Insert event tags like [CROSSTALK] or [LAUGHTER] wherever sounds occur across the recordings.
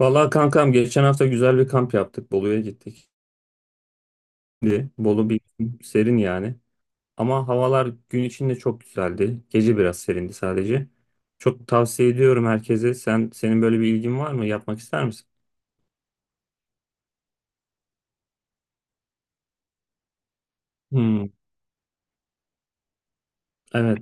Vallahi kankam, geçen hafta güzel bir kamp yaptık. Bolu'ya gittik. Şimdi Bolu bir serin yani. Ama havalar gün içinde çok güzeldi. Gece biraz serindi sadece. Çok tavsiye ediyorum herkese. Senin böyle bir ilgin var mı? Yapmak ister misin? Hmm, evet,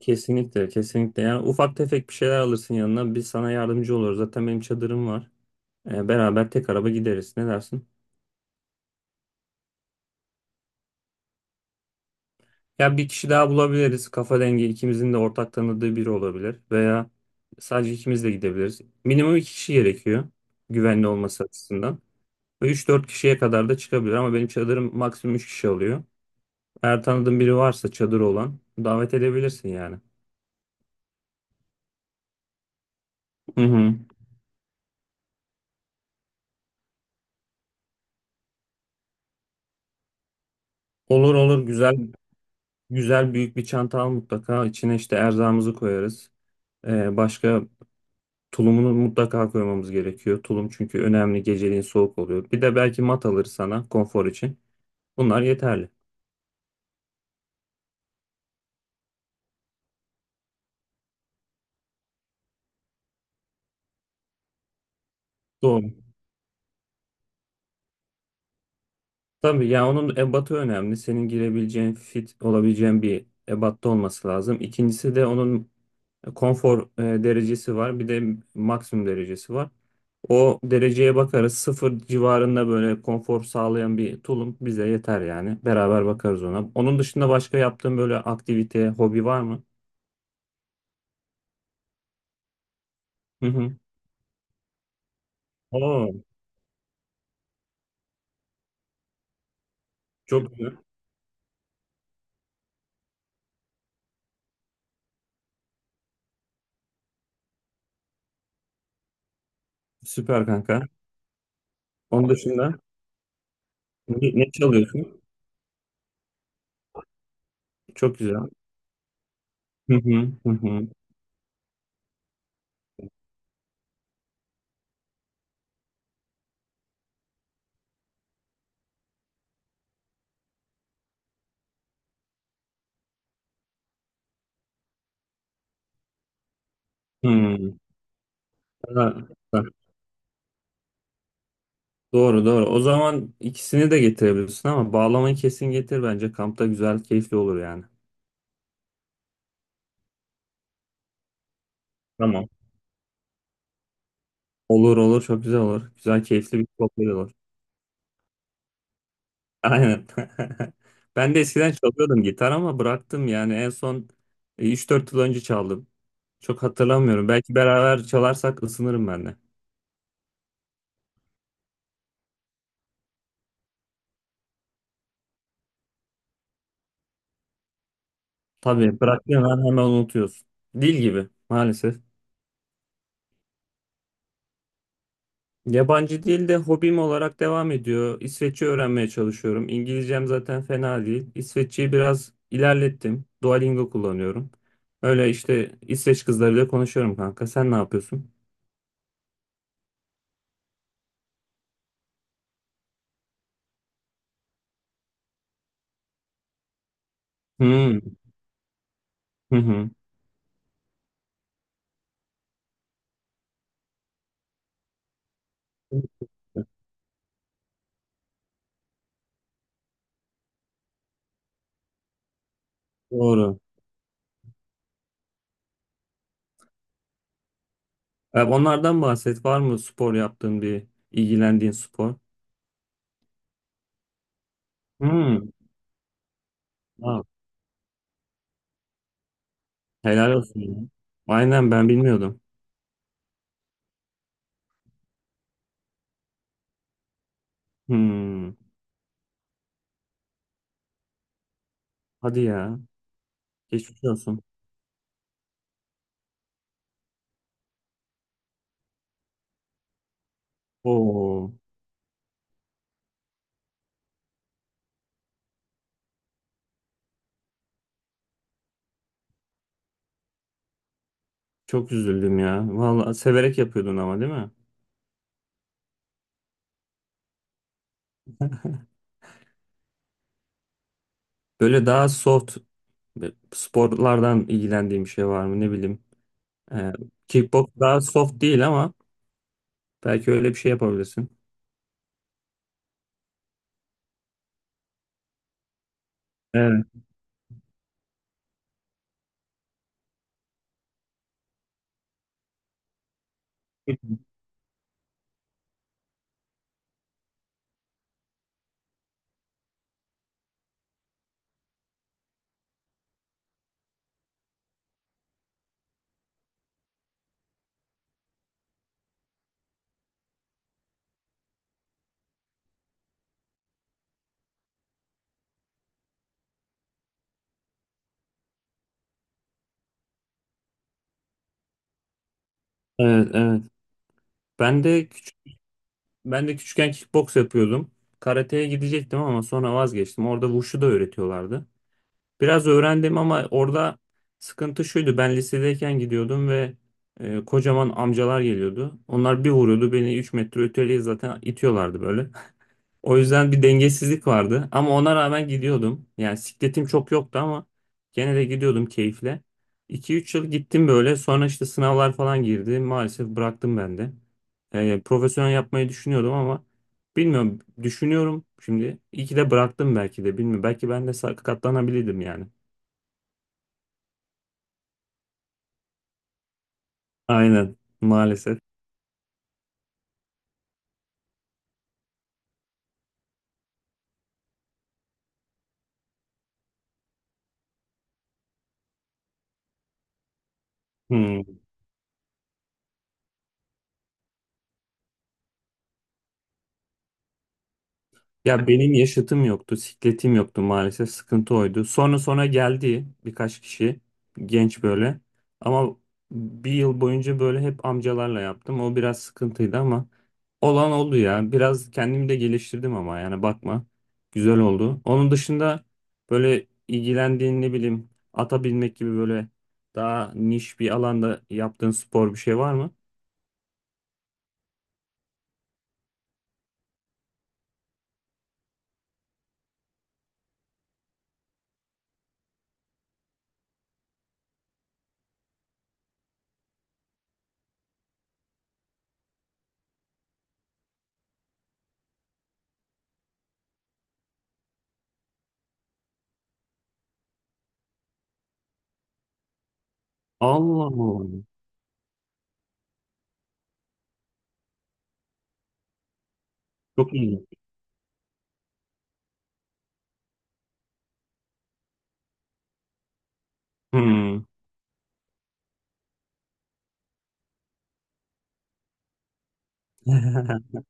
kesinlikle kesinlikle. Yani ufak tefek bir şeyler alırsın yanına. Biz sana yardımcı oluruz. Zaten benim çadırım var. Beraber tek araba gideriz. Ne dersin? Ya bir kişi daha bulabiliriz. Kafa dengi, ikimizin de ortak tanıdığı biri olabilir. Veya sadece ikimiz de gidebiliriz. Minimum iki kişi gerekiyor, güvenli olması açısından. Ve 3-4 kişiye kadar da çıkabilir ama benim çadırım maksimum 3 kişi alıyor. Eğer tanıdığın biri varsa, çadır olan, davet edebilirsin yani. Hı hı. Olur olur, güzel güzel, büyük bir çanta al mutlaka. İçine işte erzağımızı koyarız. Başka tulumunu mutlaka koymamız gerekiyor. Tulum çünkü önemli, geceliğin soğuk oluyor. Bir de belki mat alır sana, konfor için. Bunlar yeterli. Doğru. Tabii ya, onun ebatı önemli. Senin girebileceğin, fit olabileceğin bir ebatta olması lazım. İkincisi de onun konfor derecesi var. Bir de maksimum derecesi var. O dereceye bakarız. Sıfır civarında böyle konfor sağlayan bir tulum bize yeter yani. Beraber bakarız ona. Onun dışında başka yaptığın böyle aktivite, hobi var mı? Hı hı. Oo, çok güzel. Süper kanka. Onun dışında ne çalıyorsun? Çok güzel. Hı hı, hı hı. Hı. Ha, bak, doğru doğru. O zaman ikisini de getirebilirsin ama bağlamayı kesin getir bence. Kampta güzel, keyifli olur yani. Tamam. Olur olur, çok güzel olur. Güzel, keyifli bir sohbet olur. Aynen. [LAUGHS] Ben de eskiden çalıyordum gitar ama bıraktım yani. En son 3-4 yıl önce çaldım. Çok hatırlamıyorum. Belki beraber çalarsak ısınırım ben de. Tabii, bıraktığın an hemen unutuyorsun. Dil gibi maalesef. Yabancı dil de hobim olarak devam ediyor. İsveççe öğrenmeye çalışıyorum. İngilizcem zaten fena değil. İsveççeyi biraz ilerlettim. Duolingo kullanıyorum. Öyle işte, İsveç kızlarıyla konuşuyorum kanka. Sen ne yapıyorsun? Hmm, hı hı. Doğru. E, onlardan bahset. Var mı spor yaptığın, bir ilgilendiğin spor? Hmm. Ha, helal olsun ya. Aynen, ben bilmiyordum. Hmm. Hadi ya. Geçmiş olsun. Oo. Çok üzüldüm ya. Vallahi severek yapıyordun ama, değil mi? [LAUGHS] Böyle daha soft sporlardan, ilgilendiğim bir şey var mı, ne bileyim. Ee, Kickbox daha soft değil ama belki öyle bir şey yapabilirsin. Evet. Evet, evet. Ben de küçük, ben de küçükken kickbox yapıyordum. Karateye gidecektim ama sonra vazgeçtim. Orada wushu da öğretiyorlardı. Biraz öğrendim ama orada sıkıntı şuydu: ben lisedeyken gidiyordum ve kocaman amcalar geliyordu. Onlar bir vuruyordu, beni 3 metre öteye zaten itiyorlardı böyle. [LAUGHS] O yüzden bir dengesizlik vardı ama ona rağmen gidiyordum. Yani sikletim çok yoktu ama gene de gidiyordum keyifle. 2 üç yıl gittim böyle. Sonra işte sınavlar falan girdi. Maalesef bıraktım ben de. Profesyonel yapmayı düşünüyordum ama bilmiyorum, düşünüyorum şimdi. İyi ki de bıraktım belki de, bilmiyorum. Belki ben de sakatlanabilirdim yani. Aynen, maalesef. Hmm. Ya benim yaşıtım yoktu, sikletim yoktu maalesef. Sıkıntı oydu. Sonra sonra geldi birkaç kişi, genç böyle. Ama bir yıl boyunca böyle hep amcalarla yaptım. O biraz sıkıntıydı ama olan oldu ya. Biraz kendimi de geliştirdim ama yani bakma. Güzel oldu. Onun dışında böyle ilgilendiğin, ne bileyim, ata binmek gibi böyle daha niş bir alanda yaptığın spor bir şey var mı? Allah Allah. Çok iyi. Hmm. [LAUGHS]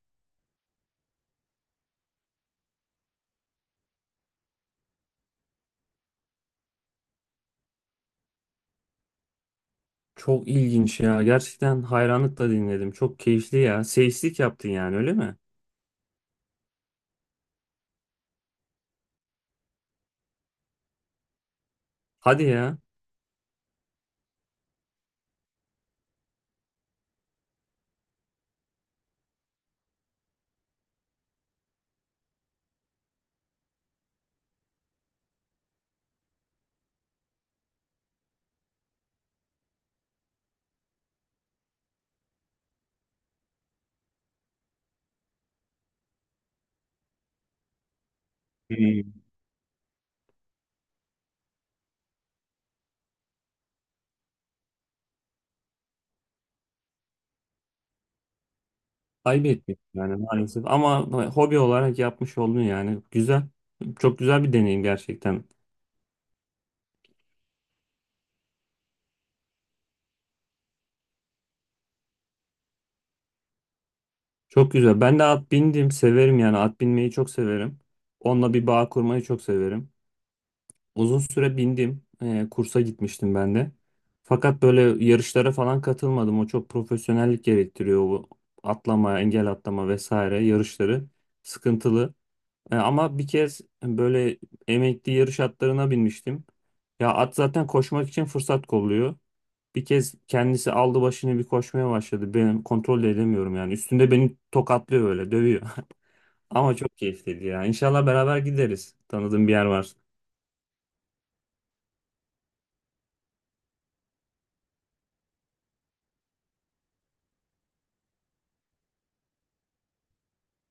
Çok ilginç ya. Gerçekten hayranlıkla dinledim. Çok keyifli ya. Seyislik yaptın yani, öyle mi? Hadi ya. Hmm. Ayıp etmiş yani, maalesef. Ama hobi olarak yapmış oldun yani. Güzel. Çok güzel bir deneyim gerçekten. Çok güzel. Ben de at bindim. Severim yani. At binmeyi çok severim. Onunla bir bağ kurmayı çok severim. Uzun süre bindim. Kursa gitmiştim ben de. Fakat böyle yarışlara falan katılmadım. O çok profesyonellik gerektiriyor. O atlama, engel atlama vesaire yarışları sıkıntılı. Ama bir kez böyle emekli yarış atlarına binmiştim. Ya at zaten koşmak için fırsat kolluyor. Bir kez kendisi aldı başını, bir koşmaya başladı. Benim kontrol de edemiyorum yani. Üstünde beni tokatlıyor öyle, dövüyor. [LAUGHS] Ama çok keyifliydi ya. İnşallah beraber gideriz, tanıdığım bir yer var.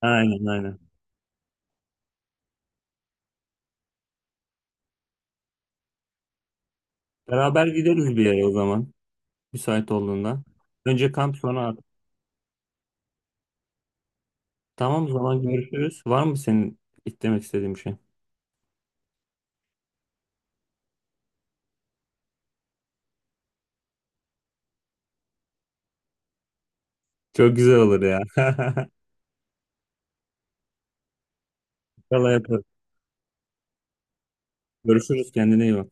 Aynen aynen. Beraber gideriz bir yere o zaman, müsait olduğunda. Önce kamp, sonra at. Tamam, o zaman görüşürüz. Var mı senin demek istediğin bir şey? Çok güzel olur ya. [LAUGHS] İnşallah yaparız. Görüşürüz, kendine iyi bak.